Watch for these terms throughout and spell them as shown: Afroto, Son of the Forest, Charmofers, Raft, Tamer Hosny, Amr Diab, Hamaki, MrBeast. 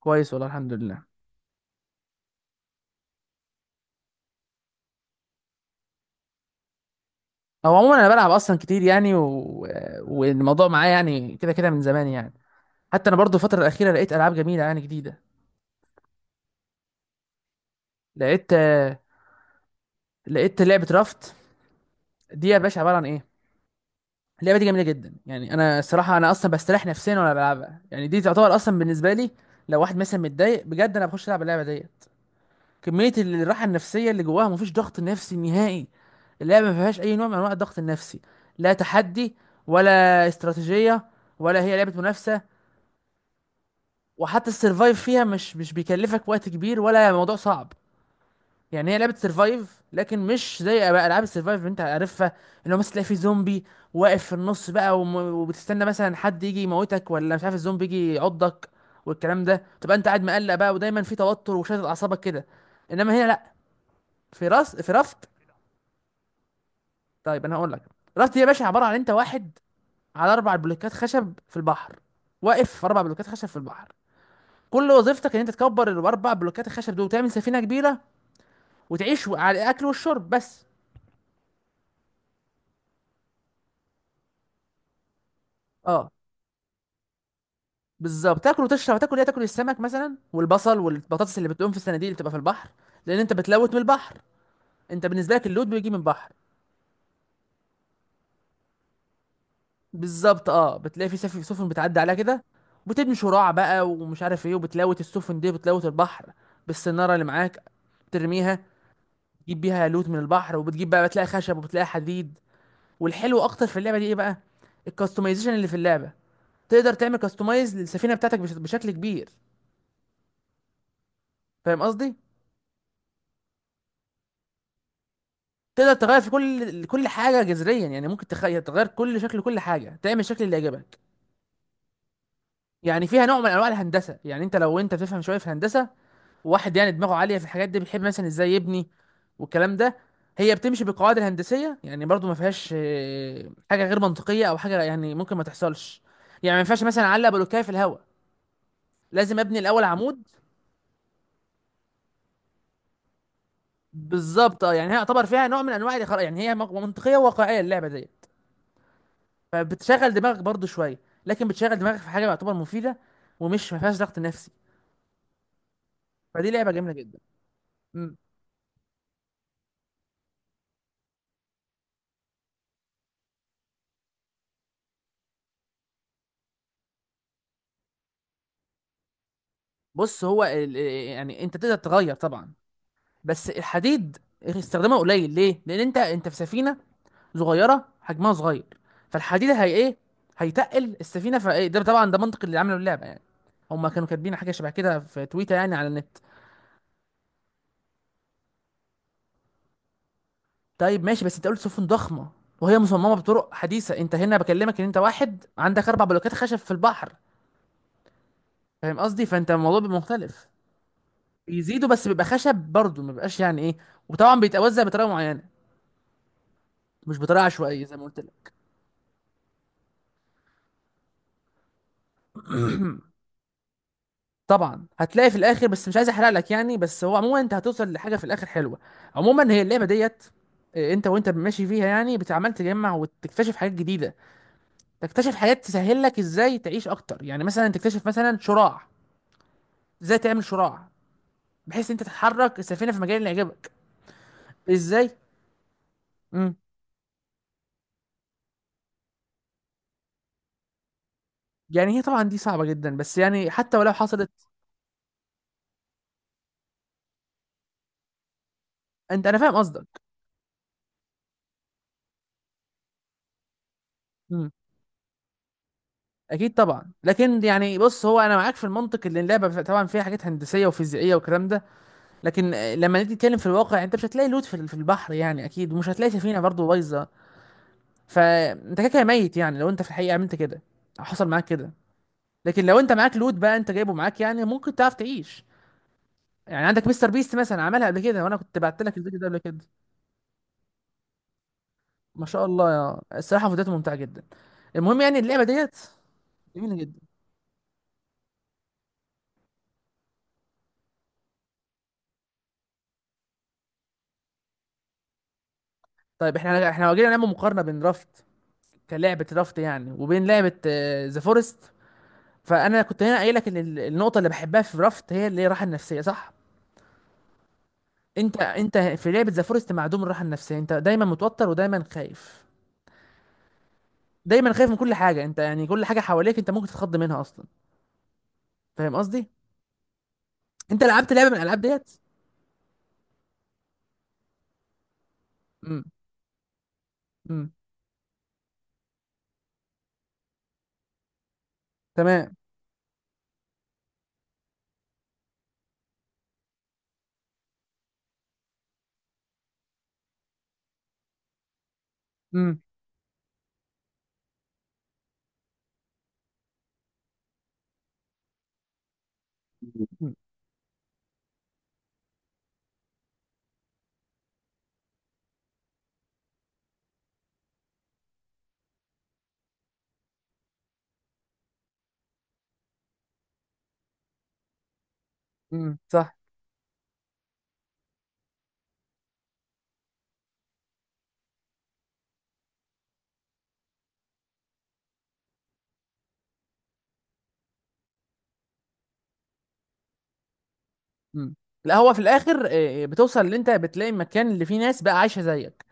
كويس والله الحمد لله. هو عموما انا بلعب اصلا كتير يعني والموضوع معايا يعني كده كده من زمان يعني. حتى انا برضو الفتره الاخيره لقيت العاب جميله يعني جديده. لقيت لقيت لعبه رافت، دي يا باشا عباره عن ايه؟ اللعبه دي جميله جدا يعني، انا الصراحه انا اصلا بستريح نفسيا وانا بلعبها يعني، دي تعتبر اصلا بالنسبه لي لو واحد مثلا متضايق بجد انا بخش العب اللعبه دي. كمية الراحة النفسية اللي جواها، مفيش ضغط نفسي نهائي. اللعبة ما فيهاش أي نوع من أنواع الضغط النفسي، لا تحدي ولا استراتيجية ولا هي لعبة منافسة. وحتى السرفايف فيها مش بيكلفك وقت كبير ولا موضوع صعب. يعني هي لعبة سرفايف لكن مش زي أبقى ألعاب السرفايف اللي أنت عارفها، اللي هو مثلا تلاقي في زومبي واقف في النص بقى وبتستنى مثلا حد يجي يموتك، ولا مش عارف الزومبي يجي يعضك والكلام ده، تبقى أنت قاعد مقلق بقى ودايما في توتر وشادد أعصابك كده. إنما هنا لأ، في راس، في رفض. طيب انا هقول لك، راس دي يا باشا عباره عن انت واحد على اربع بلوكات خشب في البحر، واقف في اربع بلوكات خشب في البحر. كل وظيفتك ان انت تكبر الاربع بلوكات الخشب دول وتعمل سفينه كبيره وتعيش على الاكل والشرب بس. اه بالظبط، تاكل وتشرب. تاكل ايه؟ تاكل السمك مثلا والبصل والبطاطس اللي بتقوم في الصناديق اللي بتبقى في البحر، لان انت بتلوت من البحر. انت بالنسبه لك اللوت بيجي من البحر. بالظبط، اه بتلاقي في سفن بتعدي عليها كده وتبني شراع بقى ومش عارف ايه، وبتلوت السفن دي، بتلوت البحر بالسناره اللي معاك، ترميها تجيب بيها لوت من البحر. وبتجيب بقى، بتلاقي خشب وبتلاقي حديد. والحلو اكتر في اللعبه دي ايه بقى؟ الكاستمايزيشن اللي في اللعبه. تقدر تعمل كاستمايز للسفينه بتاعتك بشكل كبير. فاهم قصدي؟ تقدر تغير في كل حاجه جذريا. يعني ممكن يعني تغير كل شكل، كل حاجه، تعمل الشكل اللي يعجبك. يعني فيها نوع من انواع الهندسه. يعني انت لو انت بتفهم شويه في الهندسه، واحد يعني دماغه عاليه في الحاجات دي بيحب مثلا ازاي يبني والكلام ده. هي بتمشي بالقواعد الهندسيه. يعني برضو ما فيهاش حاجه غير منطقيه او حاجه يعني ممكن ما تحصلش. يعني ما ينفعش مثلا اعلق بلوكايه في الهواء، لازم ابني الاول عمود. بالظبط اه، يعني هي يعتبر فيها نوع من انواع الخرا يعني، هي منطقيه وواقعيه اللعبه ديت. فبتشغل دماغك برضو شويه، لكن بتشغل دماغك في حاجه يعتبر مفيده، ومش ما فيهاش ضغط نفسي. فدي لعبه جميله جدا. مم. بص هو ال... آه، يعني انت تقدر تغير طبعا، بس الحديد استخدامه قليل ليه؟ لان انت في سفينه صغيره، حجمها صغير. فالحديد هي ايه؟ هيتقل السفينه. فايه ده؟ طبعا ده منطق اللي عملوا اللعبه يعني. هما كانوا كاتبين حاجه شبه كده في تويتر يعني، على النت. طيب ماشي، بس انت قلت سفن ضخمه وهي مصممه بطرق حديثه. انت هنا بكلمك ان انت واحد عندك اربع بلوكات خشب في البحر. فاهم قصدي؟ فانت الموضوع بيبقى مختلف. بيزيدوا بس بيبقى خشب برضه، ما بيبقاش يعني ايه. وطبعا بيتوزع بطريقه معينه، مش بطريقه عشوائيه زي ما قلت لك. طبعا هتلاقي في الاخر، بس مش عايز احرق لك يعني. بس هو عموما انت هتوصل لحاجه في الاخر حلوه. عموما هي اللعبه ديت، انت وانت ماشي فيها يعني بتعمل، تجمع وتكتشف حاجات جديده. تكتشف حاجات تسهل لك ازاي تعيش اكتر. يعني مثلا تكتشف مثلا شراع، ازاي تعمل شراع، بحيث انت تتحرك السفينه في المجال اللي يعجبك. ازاي؟ امم يعني هي طبعا دي صعبه جدا، بس يعني حتى ولو حصلت. انت انا فاهم قصدك. امم اكيد طبعا، لكن يعني بص هو انا معاك في المنطق. اللي اللعبه طبعا فيها حاجات هندسيه وفيزيائيه والكلام ده، لكن لما نيجي نتكلم في الواقع انت مش هتلاقي لوت في البحر يعني، اكيد. ومش هتلاقي سفينه برضه بايظه، فانت كده كده ميت يعني لو انت في الحقيقه عملت كده أو حصل معاك كده. لكن لو انت معاك لوت بقى، انت جايبه معاك، يعني ممكن تعرف تعيش. يعني عندك مستر بيست مثلا عملها قبل كده، وانا كنت بعت لك الفيديو ده قبل كده. ما شاء الله يا، الصراحه فيديوهاته ممتعه جدا. المهم، يعني اللعبه ديت جميله جدا. طيب احنا لو جينا نعمل مقارنه بين رافت، كلعبه رافت يعني، وبين لعبه ذا فورست، فانا كنت هنا قايل لك ان النقطه اللي بحبها في رافت هي اللي هي الراحه النفسيه، صح؟ انت في لعبه ذا فورست معدوم الراحه النفسيه، انت دايما متوتر ودايما خايف. دايما خايف من كل حاجه. انت يعني كل حاجه حواليك انت ممكن تتخض منها اصلا. فاهم قصدي؟ انت لعبت لعبه من الالعاب ديت؟ امم امم. تمام. امم امم. صح. امم لا هو في الاخر بتوصل ان انت بتلاقي المكان اللي فيه ناس بقى عايشه زيك.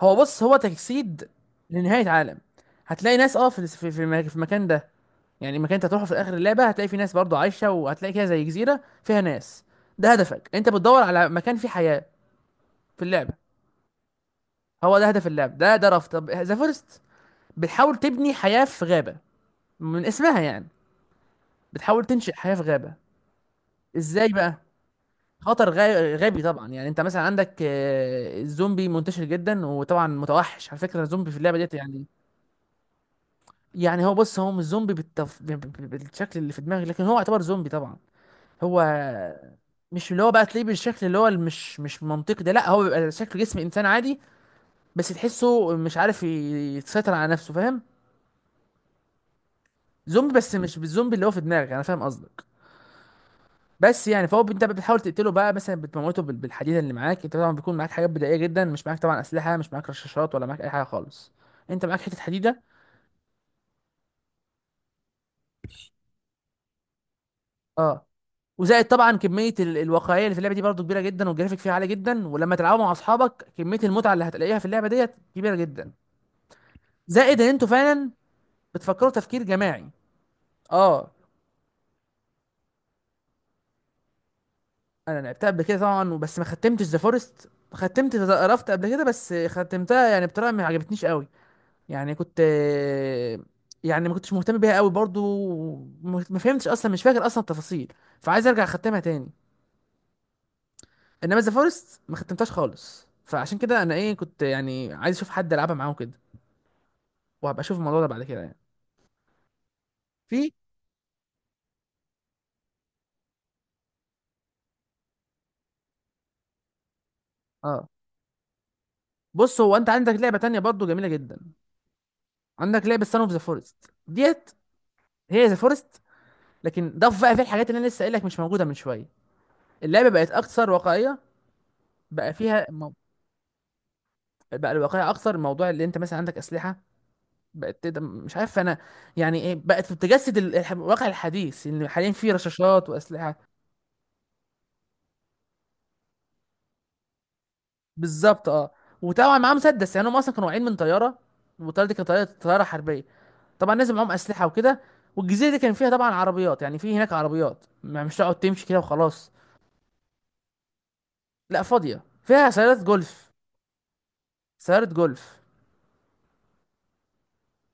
هو بص، هو تجسيد لنهايه عالم. هتلاقي ناس اه في في المكان ده. يعني المكان انت هتروحه في اخر اللعبه هتلاقي فيه ناس برضه عايشه، وهتلاقي كده زي جزيره فيها ناس. ده هدفك، انت بتدور على مكان فيه حياه في اللعبه. هو ده هدف اللعبه، ده ده رفض. طب ذا فورست، بتحاول تبني حياه في غابه، من اسمها يعني. بتحاول تنشئ حياه في غابه. ازاي بقى؟ خطر غابي طبعا. يعني انت مثلا عندك الزومبي منتشر جدا، وطبعا متوحش على فكره الزومبي في اللعبه ديت يعني. يعني هو بص، هو مش زومبي بالتف... ب- ب- ب- بالشكل اللي في دماغي، لكن هو يعتبر زومبي طبعا. هو مش اللي هو بقى تلاقيه بالشكل اللي هو مش منطقي ده، لا هو بيبقى شكل جسم انسان عادي. بس تحسه مش عارف يسيطر على نفسه، فاهم؟ زومبي، بس مش بالزومبي اللي هو في دماغك. انا فاهم قصدك. بس يعني، فهو انت بتحاول تقتله بقى، مثلا بتموته بالحديده اللي معاك. انت طبعا بيكون معاك حاجات بدائيه جدا، مش معاك طبعا اسلحه، مش معاك رشاشات ولا معاك اي حاجه خالص. انت معاك حته حديده. اه، وزائد طبعا كميه الواقعيه اللي في اللعبه دي برضه كبيره جدا، والجرافيك فيها عالي جدا، ولما تلعبوا مع اصحابك كميه المتعه اللي هتلاقيها في اللعبه ديت كبيره جدا. زائد ان انتوا فعلا بتفكروا تفكير جماعي. اه، انا لعبتها قبل كده طبعا، بس ما ختمتش ذا فورست. ختمت ذا رافت قبل كده، بس ختمتها يعني بطريقه ما عجبتنيش قوي. يعني كنت، يعني ما كنتش مهتم بيها قوي برضو. ما فهمتش اصلا، مش فاكر اصلا التفاصيل، فعايز ارجع اختمها تاني. انما ذا فورست ما ختمتهاش خالص، فعشان كده انا ايه كنت يعني عايز اشوف حد العبها معاه كده، وهبقى اشوف الموضوع ده بعد كده يعني. في اه، بص هو انت عندك لعبه تانية برضو جميله جدا. عندك لعبه سان اوف ذا فورست ديت، هي ذا فورست لكن ضاف بقى في الحاجات اللي انا لسه قايل لك مش موجوده من شويه. اللعبه بقت اكثر واقعيه. بقى فيها بقى الواقعيه اكثر. موضوع اللي انت مثلا عندك اسلحه، بقت تقدر مش عارف انا يعني ايه، بقت بتجسد الواقع الحديث، ان حاليا في رشاشات واسلحه. بالظبط اه، وطبعا معاهم مسدس. يعني هم اصلا كانوا واقعين من طياره، والطياره دي كانت طياره حربيه، طبعا نازل معاهم اسلحه وكده. والجزيره دي كان فيها طبعا عربيات، يعني في هناك عربيات مش تقعد تمشي كده وخلاص. لا فاضيه، فيها سيارات جولف. سيارة جولف.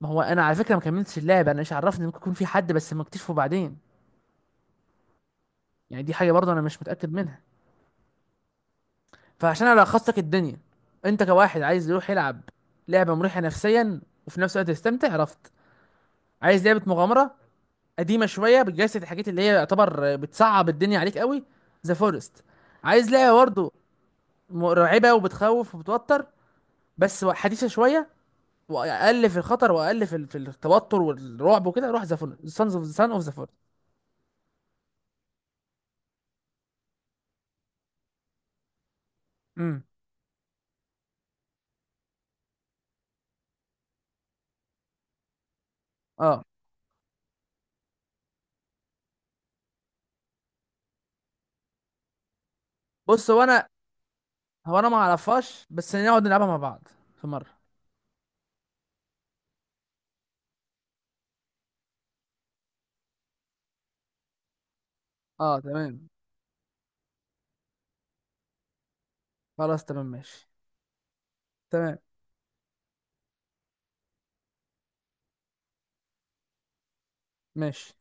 ما هو انا على فكره ما كملتش اللعبه، انا ايش عرفني، ممكن يكون في حد بس ما اكتشفه بعدين. يعني دي حاجه برضه انا مش متاكد منها. فعشان الخص لك الدنيا، انت كواحد عايز يروح يلعب لعبه مريحه نفسيا وفي نفس الوقت يستمتع، عرفت؟ عايز لعبه مغامره قديمه شويه بتجسد الحاجات اللي هي يعتبر بتصعب الدنيا عليك قوي، ذا فورست. عايز لعبه برضه مرعبه وبتخوف وبتوتر بس حديثه شويه، واقل في الخطر واقل في التوتر والرعب وكده، روح ذا فورست، سان اوف ذا فورست. امم اه، بص هو انا ما اعرفهاش، بس نقعد نلعبها مع بعض في مره. اه تمام. خلاص تمام ماشي. تمام ماشي.